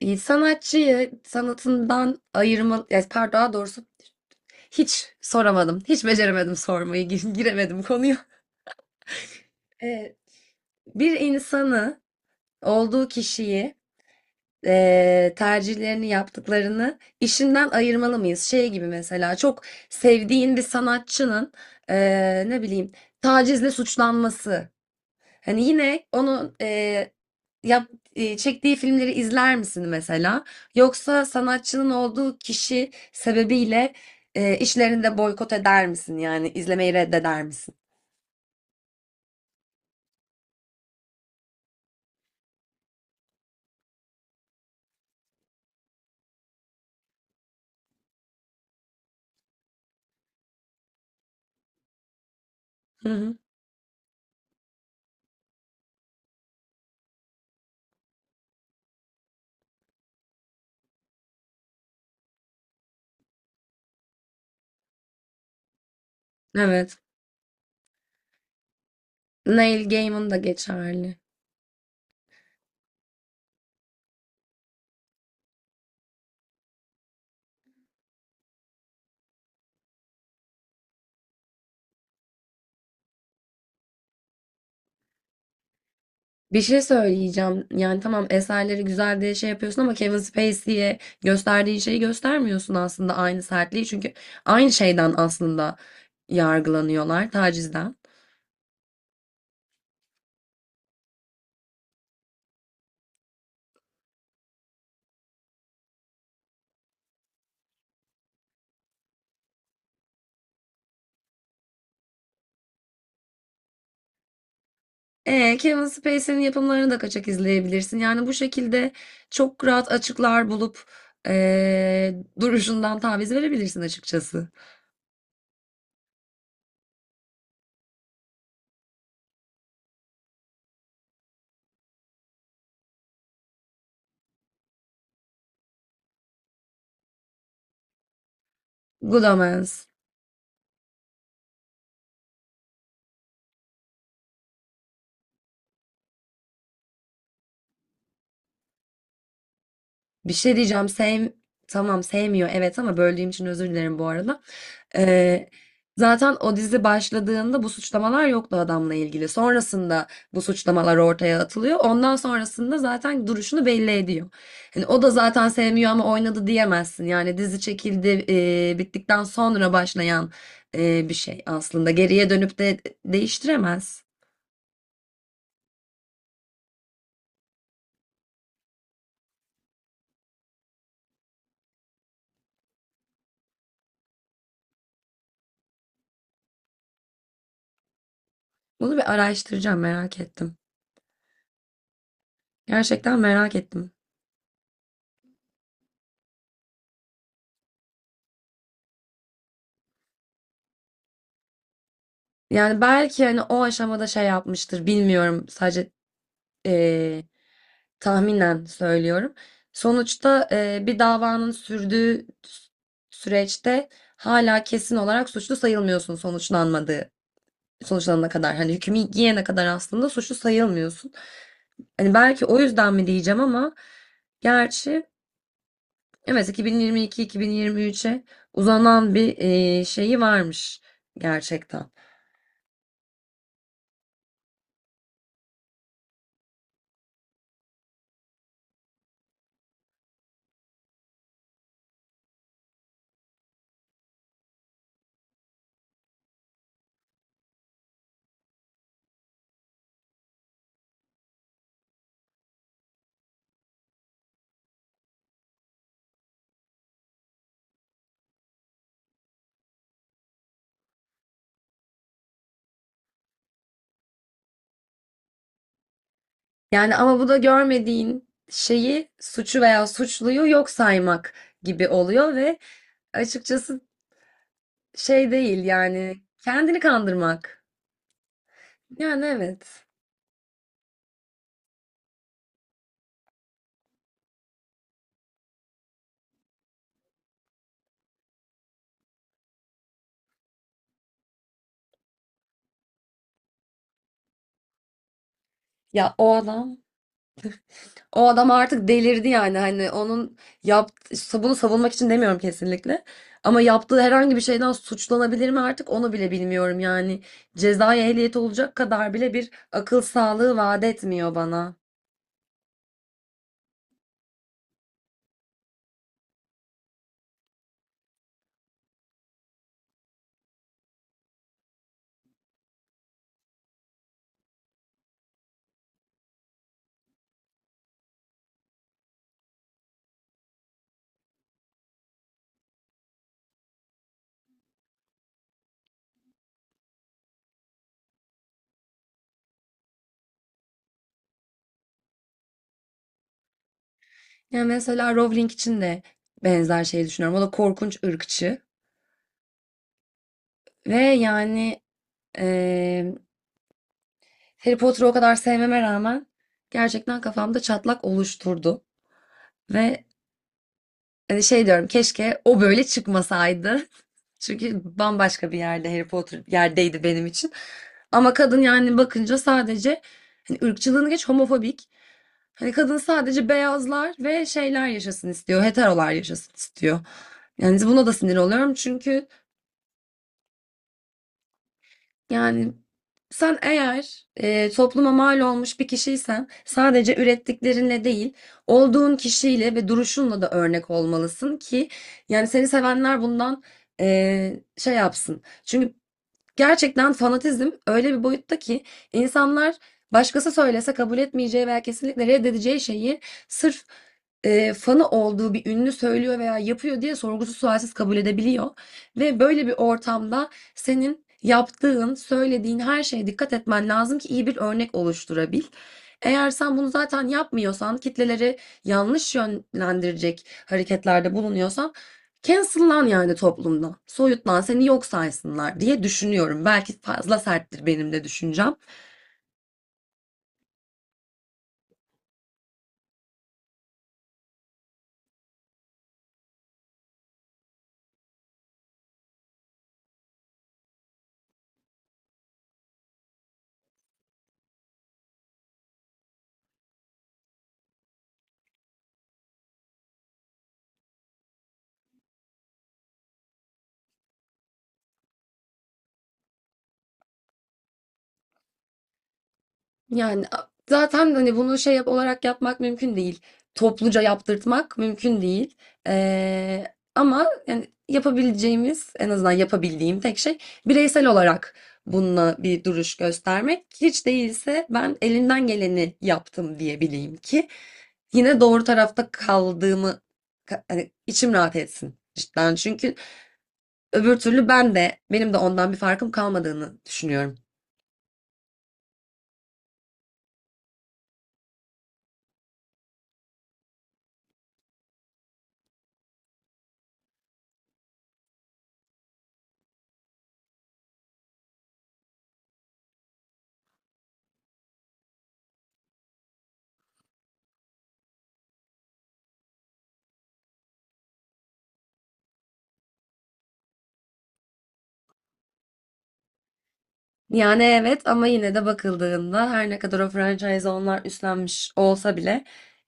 İyi, sanatçıyı sanatından ayırma, yani pardon daha doğrusu hiç soramadım. Hiç beceremedim sormayı, giremedim konuya. Ee, bir insanı, olduğu kişiyi, tercihlerini yaptıklarını işinden ayırmalı mıyız? Şey gibi mesela çok sevdiğin bir sanatçının ne bileyim tacizle suçlanması. Hani yine onun yap, çektiği filmleri izler misin mesela? Yoksa sanatçının olduğu kişi sebebiyle işlerini de boykot eder misin? Yani izlemeyi reddeder misin? Hı hı. Evet. Neil Gaiman da geçerli. Bir şey söyleyeceğim. Yani tamam, eserleri güzel diye şey yapıyorsun ama Kevin Spacey'e gösterdiğin şeyi göstermiyorsun aslında, aynı sertliği. Çünkü aynı şeyden aslında yargılanıyorlar, tacizden. E, Kevin Spacey'nin yapımlarını da kaçak izleyebilirsin. Yani bu şekilde çok rahat açıklar bulup e, duruşundan taviz verebilirsin açıkçası. Good Omens. Bir şey diyeceğim. Tamam, sevmiyor, evet, ama böldüğüm için özür dilerim bu arada. Ee, Zaten o dizi başladığında bu suçlamalar yoktu adamla ilgili. Sonrasında bu suçlamalar ortaya atılıyor. Ondan sonrasında zaten duruşunu belli ediyor. Hani o da zaten sevmiyor ama oynadı diyemezsin. Yani dizi çekildi, bittikten sonra başlayan bir şey aslında. Geriye dönüp de değiştiremez. Bunu bir araştıracağım, merak ettim. Gerçekten merak ettim. Yani belki hani o aşamada şey yapmıştır, bilmiyorum, sadece eee, tahminen söylüyorum. Sonuçta bir davanın sürdüğü süreçte hala kesin olarak suçlu sayılmıyorsun sonuçlanmadığı sonuçlanana kadar. Hani hükmü giyene kadar aslında suçlu sayılmıyorsun. Hani belki o yüzden mi diyeceğim ama gerçi evet, 2022-2023'e uzanan bir şeyi varmış gerçekten. Yani ama bu da görmediğin şeyi, suçu veya suçluyu yok saymak gibi oluyor ve açıkçası şey değil, yani kendini kandırmak. Yani evet. Ya o adam, o adam artık delirdi yani, hani onun yaptığı, bunu savunmak için demiyorum kesinlikle. Ama yaptığı herhangi bir şeyden suçlanabilir mi artık, onu bile bilmiyorum yani. Cezai ehliyeti olacak kadar bile bir akıl sağlığı vaat etmiyor bana. Ya mesela Rowling için de benzer şeyi düşünüyorum. O da korkunç ırkçı. Ve yani eee Harry Potter'ı o kadar sevmeme rağmen gerçekten kafamda çatlak oluşturdu. Ve hani şey diyorum, keşke o böyle çıkmasaydı. Çünkü bambaşka bir yerde Harry Potter yerdeydi benim için. Ama kadın yani bakınca sadece hani ırkçılığını geç, homofobik. Hani kadın sadece beyazlar ve şeyler yaşasın istiyor. Heterolar yaşasın istiyor. Yani buna da sinir oluyorum çünkü yani sen eğer topluma mal olmuş bir kişiysen sadece ürettiklerinle değil, olduğun kişiyle ve duruşunla da örnek olmalısın ki yani seni sevenler bundan şey yapsın. Çünkü gerçekten fanatizm öyle bir boyutta ki insanlar başkası söylese kabul etmeyeceği veya kesinlikle reddedeceği şeyi sırf fanı olduğu bir ünlü söylüyor veya yapıyor diye sorgusuz sualsiz kabul edebiliyor. Ve böyle bir ortamda senin yaptığın, söylediğin her şeye dikkat etmen lazım ki iyi bir örnek oluşturabil. Eğer sen bunu zaten yapmıyorsan, kitleleri yanlış yönlendirecek hareketlerde bulunuyorsan cancel'lan yani toplumdan. Soyutlan, seni yok saysınlar diye düşünüyorum. Belki fazla serttir benim de düşüncem. Yani zaten hani bunu şey yap olarak yapmak mümkün değil. Topluca yaptırtmak mümkün değil. Ee, Ama yani yapabileceğimiz, en azından yapabildiğim tek şey bireysel olarak bununla bir duruş göstermek. Hiç değilse ben elimden geleni yaptım diyebileyim ki yine doğru tarafta kaldığımı, hani içim rahat etsin cidden. Çünkü öbür türlü ben de benim de ondan bir farkım kalmadığını düşünüyorum. Yani evet, ama yine de bakıldığında her ne kadar o franchise onlar üstlenmiş olsa bile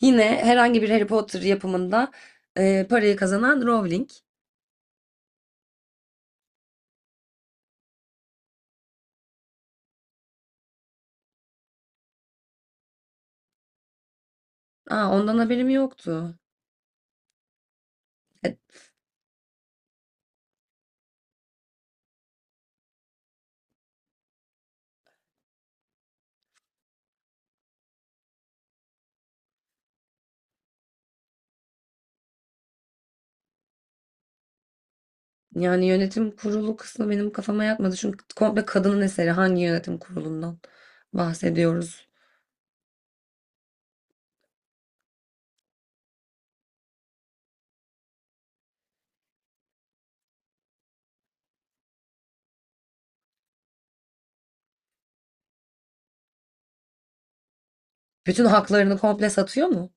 yine herhangi bir Harry Potter yapımında parayı kazanan Rowling. Aa, ondan haberim yoktu. E, yani yönetim kurulu kısmı benim kafama yatmadı. Çünkü komple kadının eseri, hangi yönetim kurulundan bahsediyoruz? Bütün haklarını komple satıyor mu?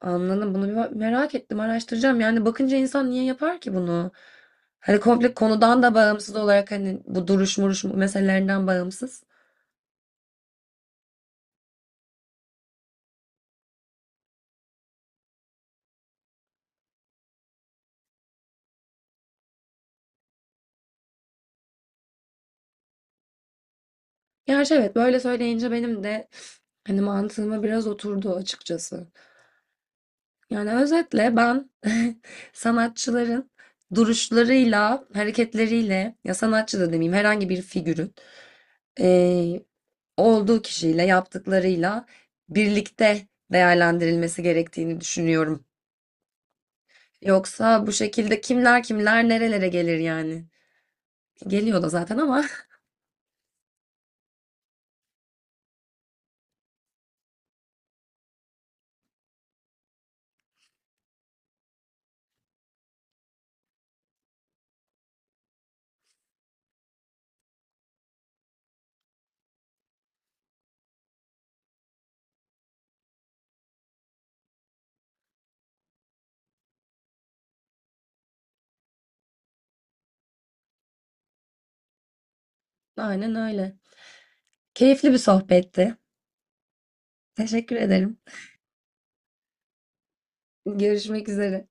Anladım. Bunu bir merak ettim, araştıracağım. Yani bakınca insan niye yapar ki bunu? Hani komple konudan da bağımsız olarak, hani bu duruş muruş meselelerinden bağımsız. Gerçi evet, böyle söyleyince benim de hani mantığıma biraz oturdu açıkçası. Yani özetle ben sanatçıların duruşlarıyla, hareketleriyle, ya sanatçı da demeyeyim, herhangi bir figürün olduğu kişiyle, yaptıklarıyla birlikte değerlendirilmesi gerektiğini düşünüyorum. Yoksa bu şekilde kimler kimler nerelere gelir yani? Geliyor da zaten ama aynen öyle. Keyifli bir sohbetti. Teşekkür ederim. Görüşmek üzere.